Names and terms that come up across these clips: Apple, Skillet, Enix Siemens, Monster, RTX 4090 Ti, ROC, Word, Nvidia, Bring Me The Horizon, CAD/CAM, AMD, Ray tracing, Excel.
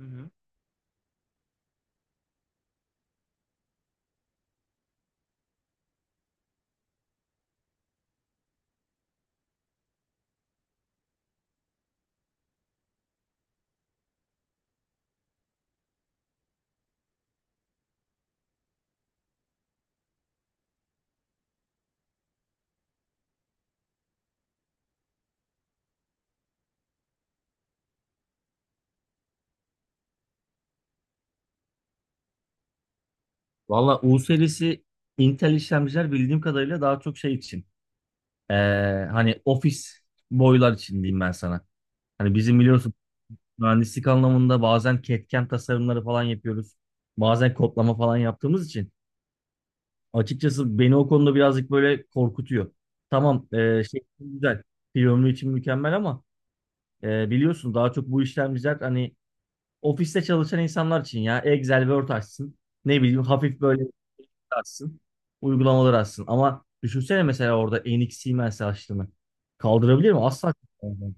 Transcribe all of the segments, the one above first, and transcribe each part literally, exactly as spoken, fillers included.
Hı hı. Valla U serisi Intel işlemciler bildiğim kadarıyla daha çok şey için. Ee, hani ofis boylar için diyeyim ben sana. Hani bizim biliyorsun mühendislik anlamında bazen C A D/C A M tasarımları falan yapıyoruz. Bazen kodlama falan yaptığımız için. Açıkçası beni o konuda birazcık böyle korkutuyor. Tamam, ee, şey için güzel. Piyonlu için mükemmel ama ee, biliyorsun daha çok bu işlemciler hani ofiste çalışan insanlar için ya Excel, Word açsın. Ne bileyim hafif böyle açsın. Uygulamalar açsın. Ama düşünsene mesela orada Enix Siemens açtığını. Kaldırabilir mi? Asla kaldıramaz.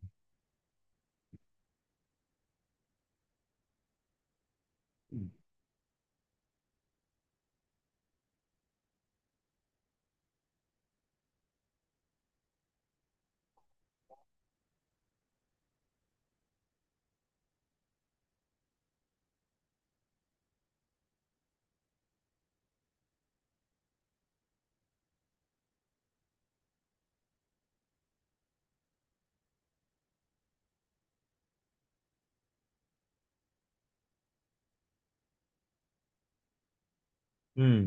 Hmm.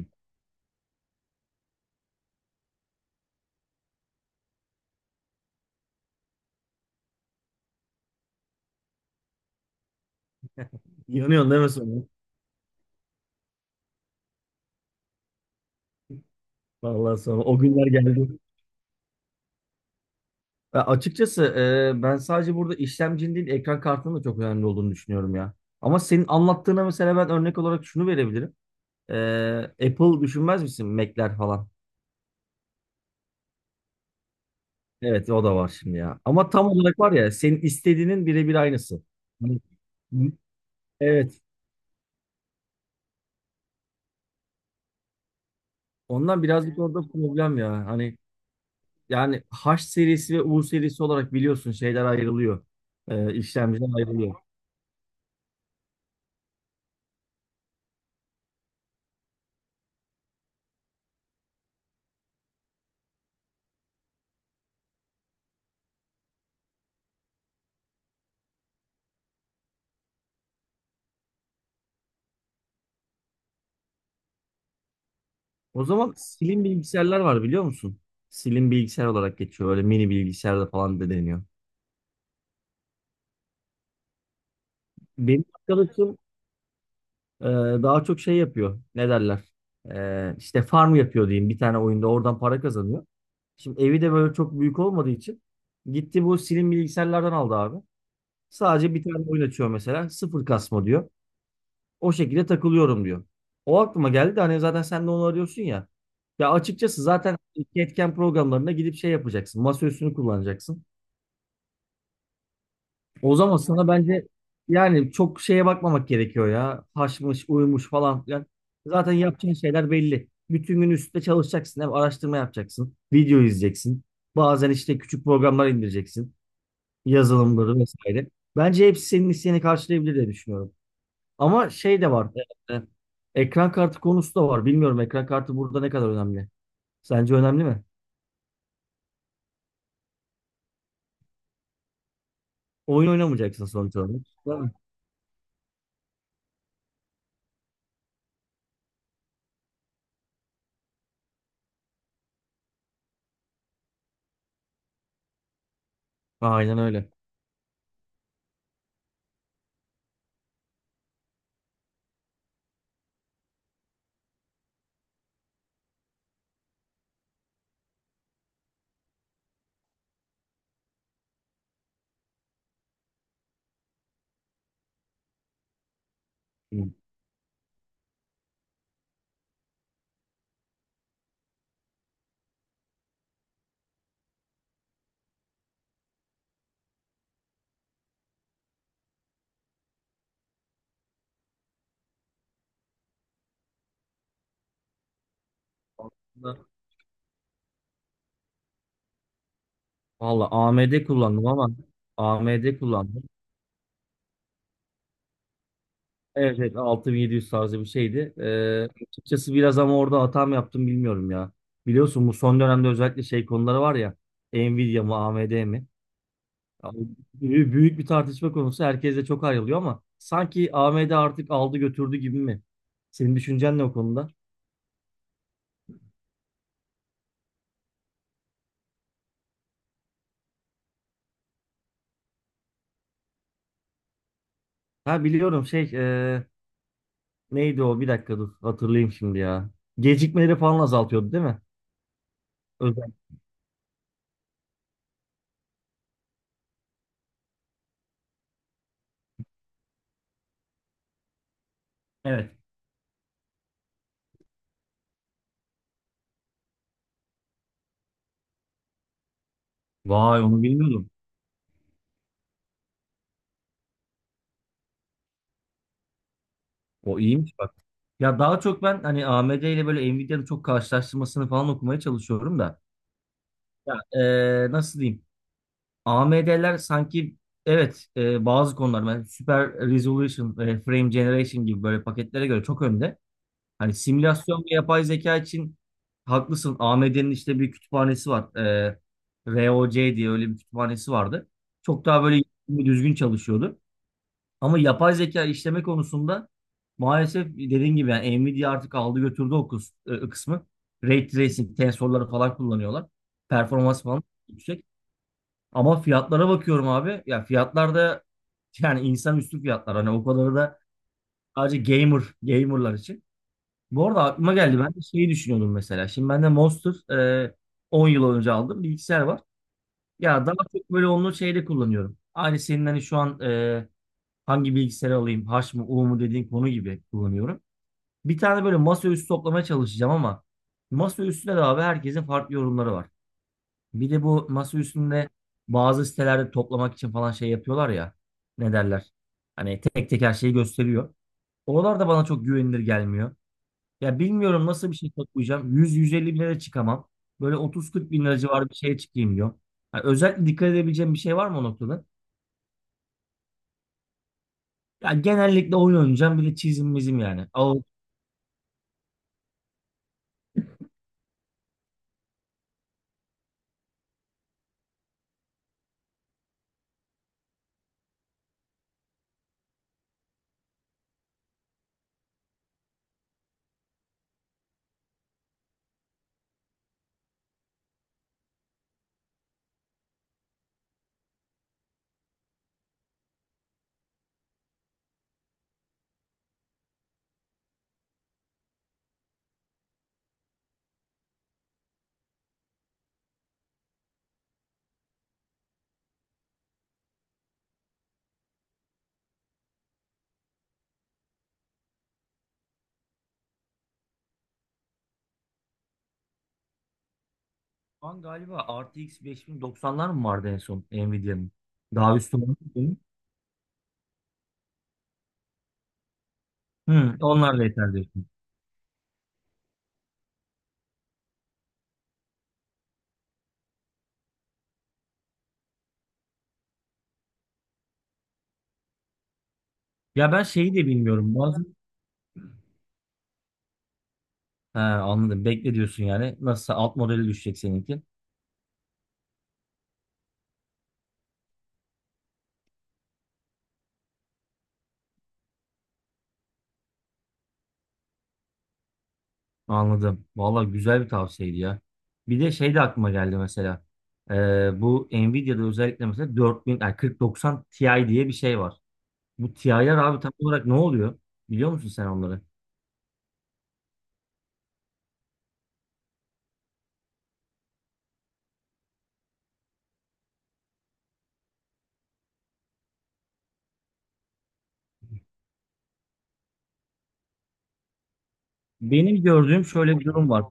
Yanıyorsun değil mi sonra? Vallahi sonra o günler geldi. Ya açıkçası e, ben sadece burada işlemcinin değil ekran kartının da çok önemli olduğunu düşünüyorum ya. Ama senin anlattığına mesela ben örnek olarak şunu verebilirim. E, Apple düşünmez misin? Mac'ler falan. Evet, o da var şimdi ya. Ama tam olarak var ya senin istediğinin birebir aynısı. Hani, evet. Ondan birazcık orada problem ya. Hani yani H serisi ve U serisi olarak biliyorsun şeyler ayrılıyor. Ee, işlemciler ayrılıyor. O zaman slim bilgisayarlar var biliyor musun? Slim bilgisayar olarak geçiyor. Öyle mini bilgisayarda falan da deniyor. Benim arkadaşım Ee, daha çok şey yapıyor. Ne derler? Ee, işte farm yapıyor diyeyim bir tane oyunda. Oradan para kazanıyor. Şimdi evi de böyle çok büyük olmadığı için gitti bu slim bilgisayarlardan aldı abi. Sadece bir tane oyun açıyor mesela. Sıfır kasma diyor. O şekilde takılıyorum diyor. O aklıma geldi de hani zaten sen de onu arıyorsun ya. Ya açıkçası zaten etken programlarına gidip şey yapacaksın. Masaüstünü kullanacaksın. O zaman sana bence yani çok şeye bakmamak gerekiyor ya. Taşmış, uyumuş falan filan. Zaten yapacağın şeyler belli. Bütün gün üstte çalışacaksın. Hem araştırma yapacaksın. Video izleyeceksin. Bazen işte küçük programlar indireceksin. Yazılımları vesaire. Bence hepsi senin isteğini karşılayabilir diye düşünüyorum. Ama şey de var. e, e, Ekran kartı konusu da var. Bilmiyorum, ekran kartı burada ne kadar önemli. Sence önemli mi? Oyun oynamayacaksın sonuç olarak. Değil mi? Aynen öyle. Hı. Valla A M D kullandım ama A M D kullandım. Evet, evet altı bin yedi yüz tarzı bir şeydi. Ee, açıkçası biraz ama orada hata mı yaptım bilmiyorum ya. Biliyorsun bu son dönemde özellikle şey konuları var ya. Nvidia mı A M D mi? Ya, büyü- büyük bir tartışma konusu. Herkes de çok ayrılıyor ama sanki A M D artık aldı götürdü gibi mi? Senin düşüncen ne o konuda? Ha, biliyorum şey, e, neydi o? Bir dakika dur hatırlayayım şimdi ya. Gecikmeleri falan azaltıyordu değil mi? Özel. Evet. Vay, onu bilmiyordum. O iyiymiş bak. Ya daha çok ben hani A M D ile böyle Nvidia'nın çok karşılaştırmasını falan okumaya çalışıyorum da. Ya, eee, nasıl diyeyim? A M D'ler sanki evet, eee, bazı konular yani Super Resolution, eee, Frame Generation gibi böyle paketlere göre çok önde. Hani simülasyon ve yapay zeka için haklısın. A M D'nin işte bir kütüphanesi var. Eee rok diye öyle bir kütüphanesi vardı. Çok daha böyle düzgün çalışıyordu. Ama yapay zeka işleme konusunda maalesef dediğim gibi yani Nvidia artık aldı götürdü o kıs- e, kısmı. Ray tracing, tensorları falan kullanıyorlar. Performans falan yüksek. Ama fiyatlara bakıyorum abi. Ya fiyatlar da yani insan üstü fiyatlar. Hani o kadarı da sadece gamer, gamerlar için. Bu arada aklıma geldi. Ben de şeyi düşünüyordum mesela. Şimdi ben de Monster e, on yıl önce aldım. Bilgisayar var. Ya daha çok böyle onu şeyde kullanıyorum. Aynı senin hani şu an e, hangi bilgisayarı alayım, H mı U mu dediğin konu gibi kullanıyorum. Bir tane böyle masaüstü toplamaya çalışacağım ama masaüstüne de abi herkesin farklı yorumları var. Bir de bu masaüstünde bazı sitelerde toplamak için falan şey yapıyorlar ya. Ne derler? Hani tek tek her şeyi gösteriyor. Oralar da bana çok güvenilir gelmiyor. Ya bilmiyorum nasıl bir şey toplayacağım. yüz yüz elli bin lira çıkamam. Böyle otuz kırk bin lira civarı bir şeye çıkayım diyor. Yani özellikle dikkat edebileceğim bir şey var mı o noktada? Ya genellikle oyun oynayacağım, bir de çizim mizim yani. Şu an galiba R T X beş bin doksanlar mı vardı en son Nvidia'nın? Daha üstü var mı? Hı, onlar da yeter diyorsun. Ya ben şeyi de bilmiyorum. Bazen... He, anladım. Bekle diyorsun yani. Nasılsa alt modeli düşecek seninki. Anladım. Vallahi güzel bir tavsiyeydi ya. Bir de şey de aklıma geldi mesela. Ee, bu Nvidia'da özellikle mesela dört bin, yani kırk doksan Ti diye bir şey var. Bu Ti'ler abi tam olarak ne oluyor? Biliyor musun sen onları? Benim gördüğüm şöyle bir durum var.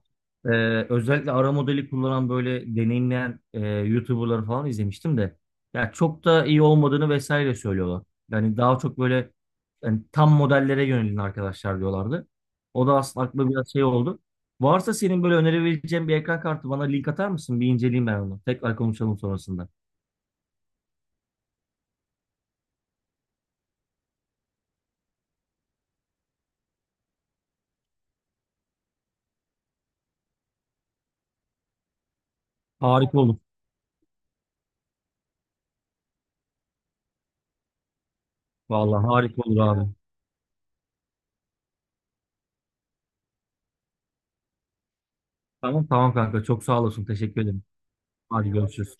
Ee, özellikle ara modeli kullanan böyle deneyimleyen e, YouTuber'ları falan izlemiştim de. Ya çok da iyi olmadığını vesaire söylüyorlar. Yani daha çok böyle yani tam modellere yönelin arkadaşlar diyorlardı. O da aslında aklıma biraz şey oldu. Varsa senin böyle önerebileceğin bir ekran kartı bana link atar mısın? Bir inceleyeyim ben onu. Tekrar konuşalım sonrasında. Harika olur. Vallahi harika olur abi. Tamam tamam kanka. Çok sağ olasın. Teşekkür ederim. Hadi görüşürüz.